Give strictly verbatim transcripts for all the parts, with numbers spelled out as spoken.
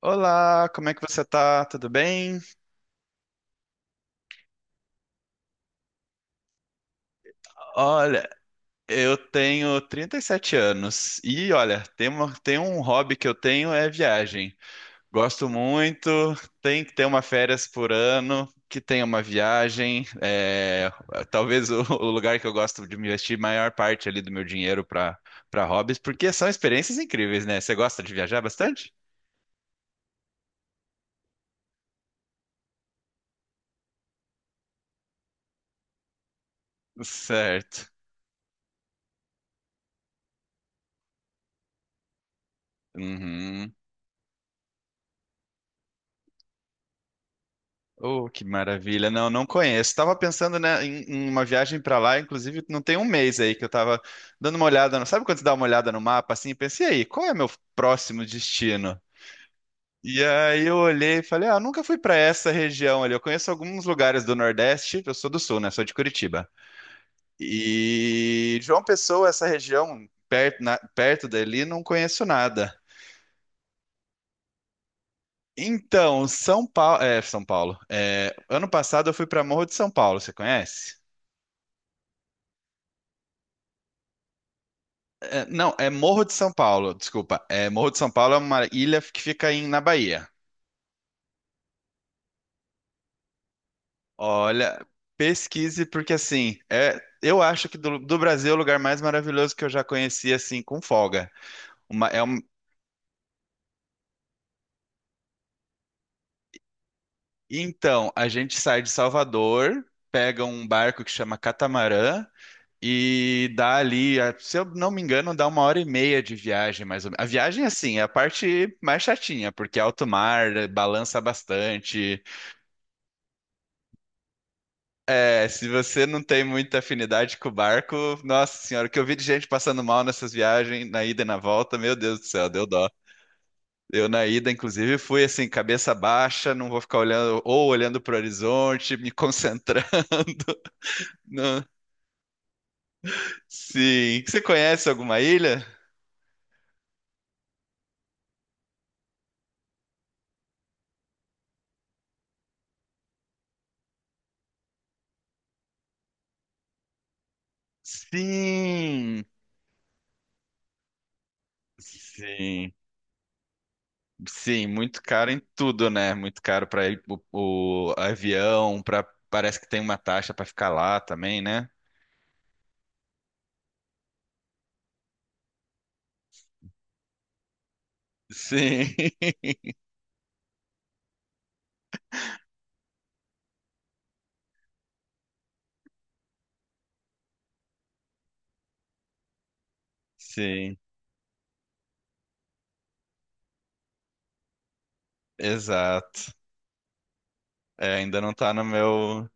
Olá, como é que você tá? Tudo bem? Olha, eu tenho trinta e sete anos e olha, tem uma- tem um hobby que eu tenho é viagem. Gosto muito, tem que ter uma férias por ano, que tenha uma viagem. É, talvez o, o lugar que eu gosto de investir maior parte ali do meu dinheiro para para hobbies, porque são experiências incríveis, né? Você gosta de viajar bastante? Certo. Uhum. Oh, que maravilha. Não, não conheço. Estava pensando, né, em, em uma viagem para lá. Inclusive, não tem um mês aí que eu estava dando uma olhada, no- sabe quando você dá uma olhada no mapa assim, e pensa, e aí, qual é meu próximo destino? E aí eu olhei e falei, ah, nunca fui para essa região ali. Eu conheço alguns lugares do Nordeste, eu sou do Sul, né? Sou de Curitiba. E João Pessoa, essa região perto, na- perto dali, não conheço nada. Então, São Paulo, é, São Paulo. É, ano passado eu fui para Morro de São Paulo, você conhece? É, não, é Morro de São Paulo, desculpa. É, Morro de São Paulo é uma ilha que fica em, na Bahia. Olha, pesquise, porque assim, é, eu acho que do, do Brasil é o lugar mais maravilhoso que eu já conheci, assim, com folga. Uma- é um- então, a gente sai de Salvador, pega um barco que chama Catamarã e dá ali, a- se eu não me engano, dá uma hora e meia de viagem, mais ou menos. A viagem, assim, é a parte mais chatinha, porque é alto mar, balança bastante. É, se você não tem muita afinidade com o barco, nossa senhora, o que eu vi de gente passando mal nessas viagens, na ida e na volta, meu Deus do céu, deu dó. Eu na ida, inclusive, fui assim, cabeça baixa, não vou ficar olhando, ou olhando para o horizonte, me concentrando. Não. Sim. Você conhece alguma ilha? Sim, sim, sim, muito caro em tudo, né? Muito caro para o, o avião, para parece que tem uma taxa para ficar lá também, né? Sim. Sim, exato. É, ainda não tá no meu.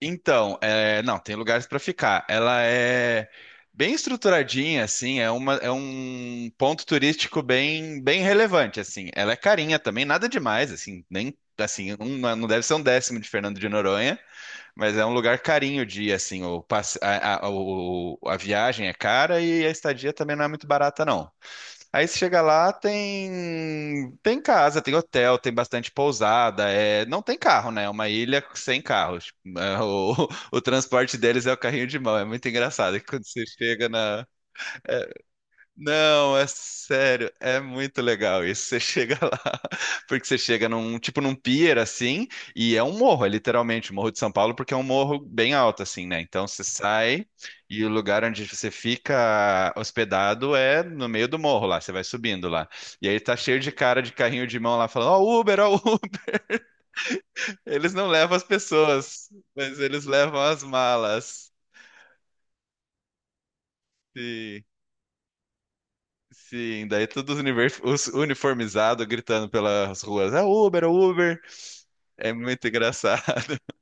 Então, é, não, tem lugares para ficar. Ela é bem estruturadinha, assim, é uma, é um ponto turístico bem, bem relevante, assim. Ela é carinha também, nada demais, assim, nem assim, um- não deve ser um décimo de Fernando de Noronha, mas é um lugar carinho o dia, assim, o, passe- a, a, o- a viagem é cara e a estadia também não é muito barata, não. Aí você chega lá, tem tem casa, tem hotel, tem bastante pousada, é, não tem carro, né? É uma ilha sem carros. É, O, o transporte deles é o carrinho de mão. É muito engraçado que quando você chega na, é, não, é sério, é muito legal isso. Você chega lá, porque você chega num tipo num pier assim, e é um morro, é literalmente o Morro de São Paulo, porque é um morro bem alto assim, né? Então você sai e o lugar onde você fica hospedado é no meio do morro lá, você vai subindo lá. E aí tá cheio de cara de carrinho de mão lá falando: "Ó, Uber, ó, Uber". Eles não levam as pessoas, mas eles levam as malas. Sim. Sim, daí todos univer- os uniformizados gritando pelas ruas, é Uber, é Uber. É muito engraçado.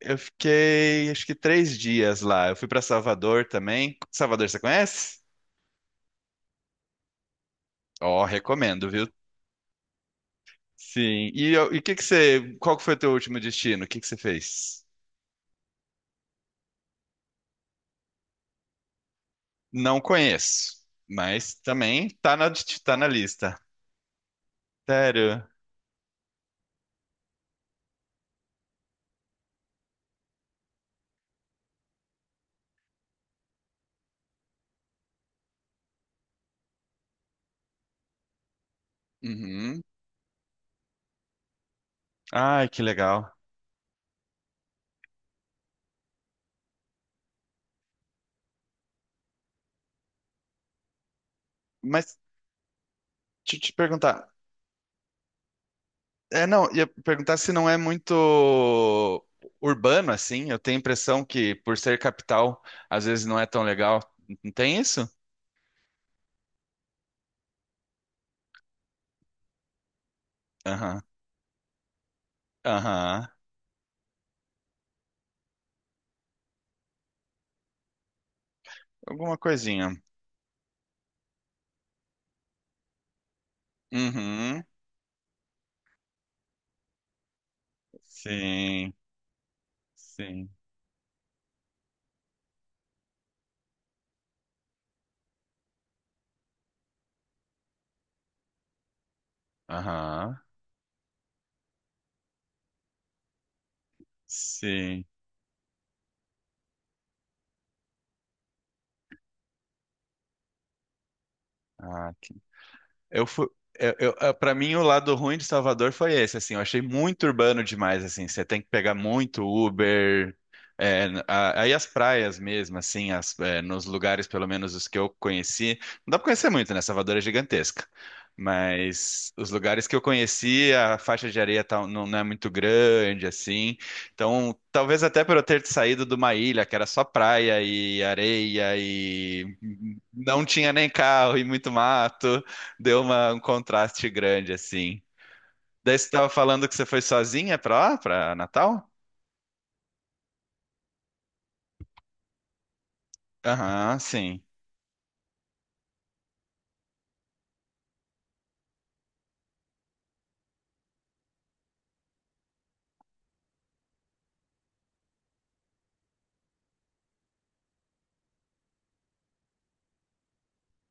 Eu fiquei, acho que três dias lá. Eu fui para Salvador também. Salvador, você conhece? Ó, recomendo, viu? Sim. E eu- e o que que você, qual que foi o teu último destino? O que que você fez? Não conheço, mas também tá na, tá na lista. Sério? Uhum. Ai, que legal. Mas deixa eu te perguntar, é, não, ia perguntar se não é muito urbano assim. Eu tenho a impressão que, por ser capital, às vezes não é tão legal. Não tem isso? Aham, aham. Alguma coisinha. Uhum. Sim, sim. Aham, sim. Ah, Eu fui, eu, eu, ah, pra mim, o lado ruim de Salvador foi esse, assim, eu achei muito urbano demais, assim, você tem que pegar muito Uber, é, a- aí as praias mesmo, assim, as, é, nos lugares, pelo menos os que eu conheci, não dá pra conhecer muito, né, Salvador é gigantesca, mas os lugares que eu conheci, a faixa de areia tá- não, não é muito grande, assim. Então, talvez até por eu ter saído de uma ilha que era só praia e areia e não tinha nem carro e muito mato, Deu uma- um contraste grande, assim. Daí você tava falando que você foi sozinha pra lá, pra Natal? Aham, sim.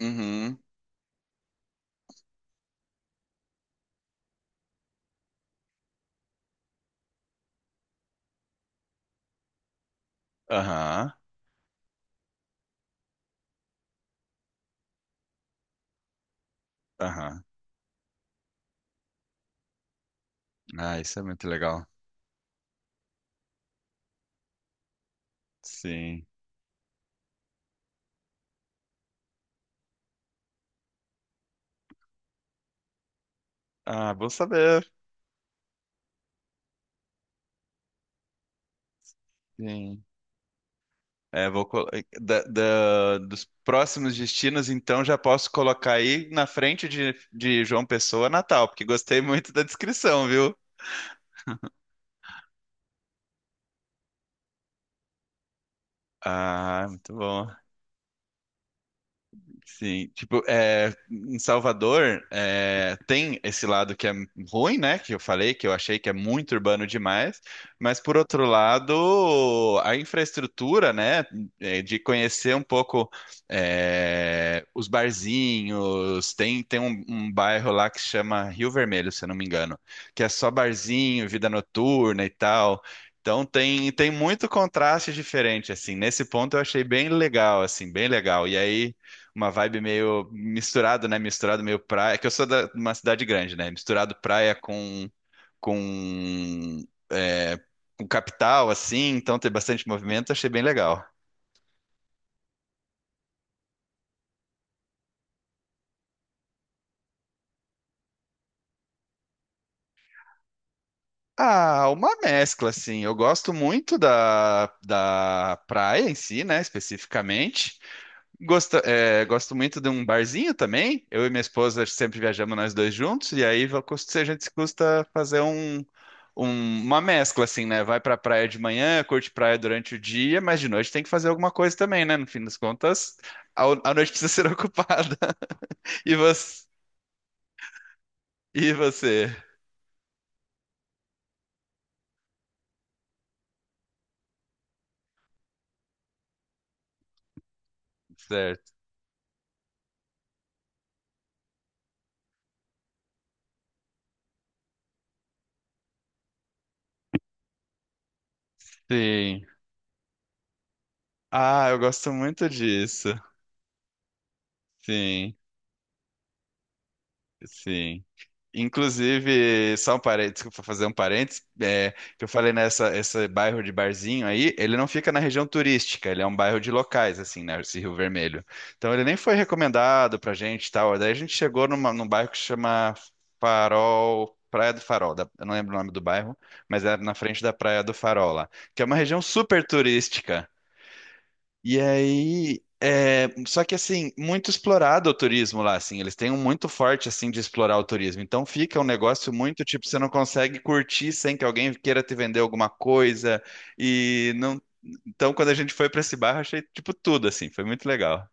Uhum, aham, aham. Ah, isso é muito legal. Sim. Ah, bom saber. Sim. É, vou col- da- da- dos próximos destinos, então já posso colocar aí na frente de, de João Pessoa, Natal, porque gostei muito da descrição, viu? Ah, muito bom. Sim, tipo, é, em Salvador é, tem esse lado que é ruim, né? Que eu falei, que eu achei que é muito urbano demais, mas por outro lado, a infraestrutura, né? É, de conhecer um pouco é, os barzinhos, tem, tem um, um bairro lá que chama Rio Vermelho, se eu não me engano, que é só barzinho, vida noturna e tal. Então tem, tem muito contraste diferente, assim. Nesse ponto eu achei bem legal, assim, bem legal. E aí uma vibe meio misturado, né? Misturado meio praia. É que eu sou da- de uma cidade grande, né? Misturado praia com com é, com capital, assim. Então tem bastante movimento. Achei bem legal. Ah, uma mescla, assim. Eu gosto muito da da praia em si, né? Especificamente. Gosto, é, gosto muito de um barzinho também. Eu e minha esposa sempre viajamos nós dois juntos, e aí va- cust- a gente custa fazer um, um- uma mescla, assim, né? Vai pra praia de manhã, curte praia durante o dia, mas de noite tem que fazer alguma coisa também, né? No fim das contas, a, a noite precisa ser ocupada. E você? E você? Certo. Sim. Ah, eu gosto muito disso. Sim, sim. Inclusive, só um parênteses, desculpa fazer um parênteses, é, que eu falei nessa, esse bairro de barzinho aí, ele não fica na região turística, ele é um bairro de locais, assim, né, esse Rio Vermelho. Então ele nem foi recomendado pra gente e tal, daí a gente chegou numa, num bairro que se chama Farol, Praia do Farol, da- eu não lembro o nome do bairro, mas era na frente da Praia do Farol lá, que é uma região super turística. E aí, é, só que assim, muito explorado o turismo lá, assim, eles têm um muito forte assim de explorar o turismo. Então fica um negócio muito tipo, você não consegue curtir sem que alguém queira te vender alguma coisa. E não, então quando a gente foi para esse bar, eu achei tipo tudo assim, foi muito legal.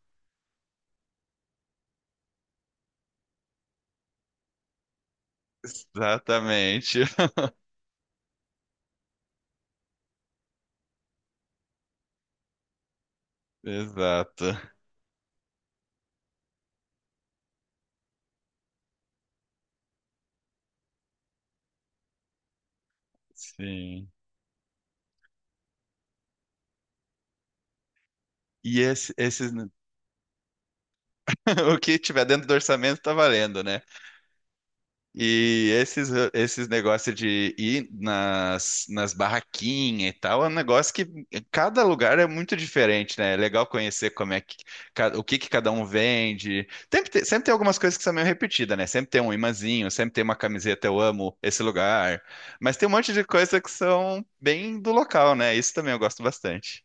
Exatamente. Exato. Sim. E esse, esses, o que tiver dentro do orçamento tá valendo, né? E esses, esses negócios de ir nas, nas barraquinhas e tal, é um negócio que cada lugar é muito diferente, né? É legal conhecer como é que, ca- o que que cada um vende. Sempre tem, sempre tem algumas coisas que são meio repetidas, né? Sempre tem um imãzinho, sempre tem uma camiseta, eu amo esse lugar. Mas tem um monte de coisa que são bem do local, né? Isso também eu gosto bastante.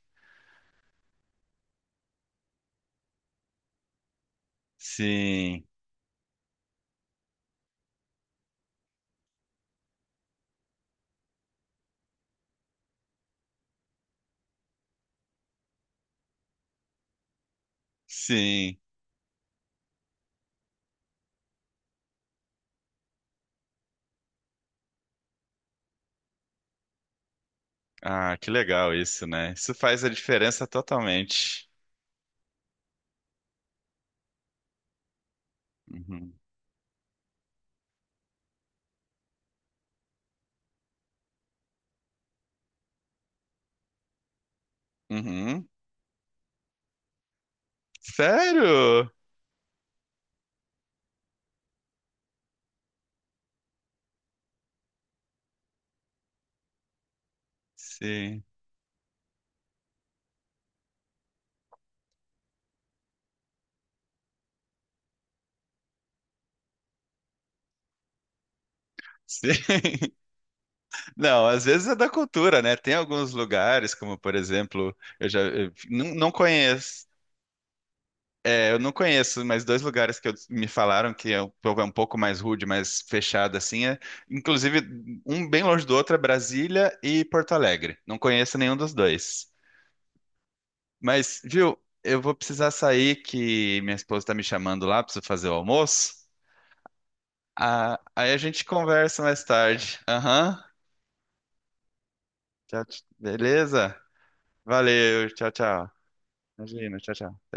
Sim, sim. Ah, que legal isso, né? Isso faz a diferença totalmente. Uhum. Uhum. Sério? Sim. Sim. Não, às vezes é da cultura, né? Tem alguns lugares, como por exemplo, eu já eu não, não conheço. É, eu não conheço, mas dois lugares que eu- me falaram que é um povo é um pouco mais rude, mais fechado assim, é, inclusive um bem longe do outro é Brasília e Porto Alegre. Não conheço nenhum dos dois. Mas, viu, eu vou precisar sair que minha esposa tá me chamando lá, preciso fazer o almoço. Ah, aí a gente conversa mais tarde. Aham. Tchau, tch- beleza? Valeu, tchau, tchau. Imagina, tchau, tchau.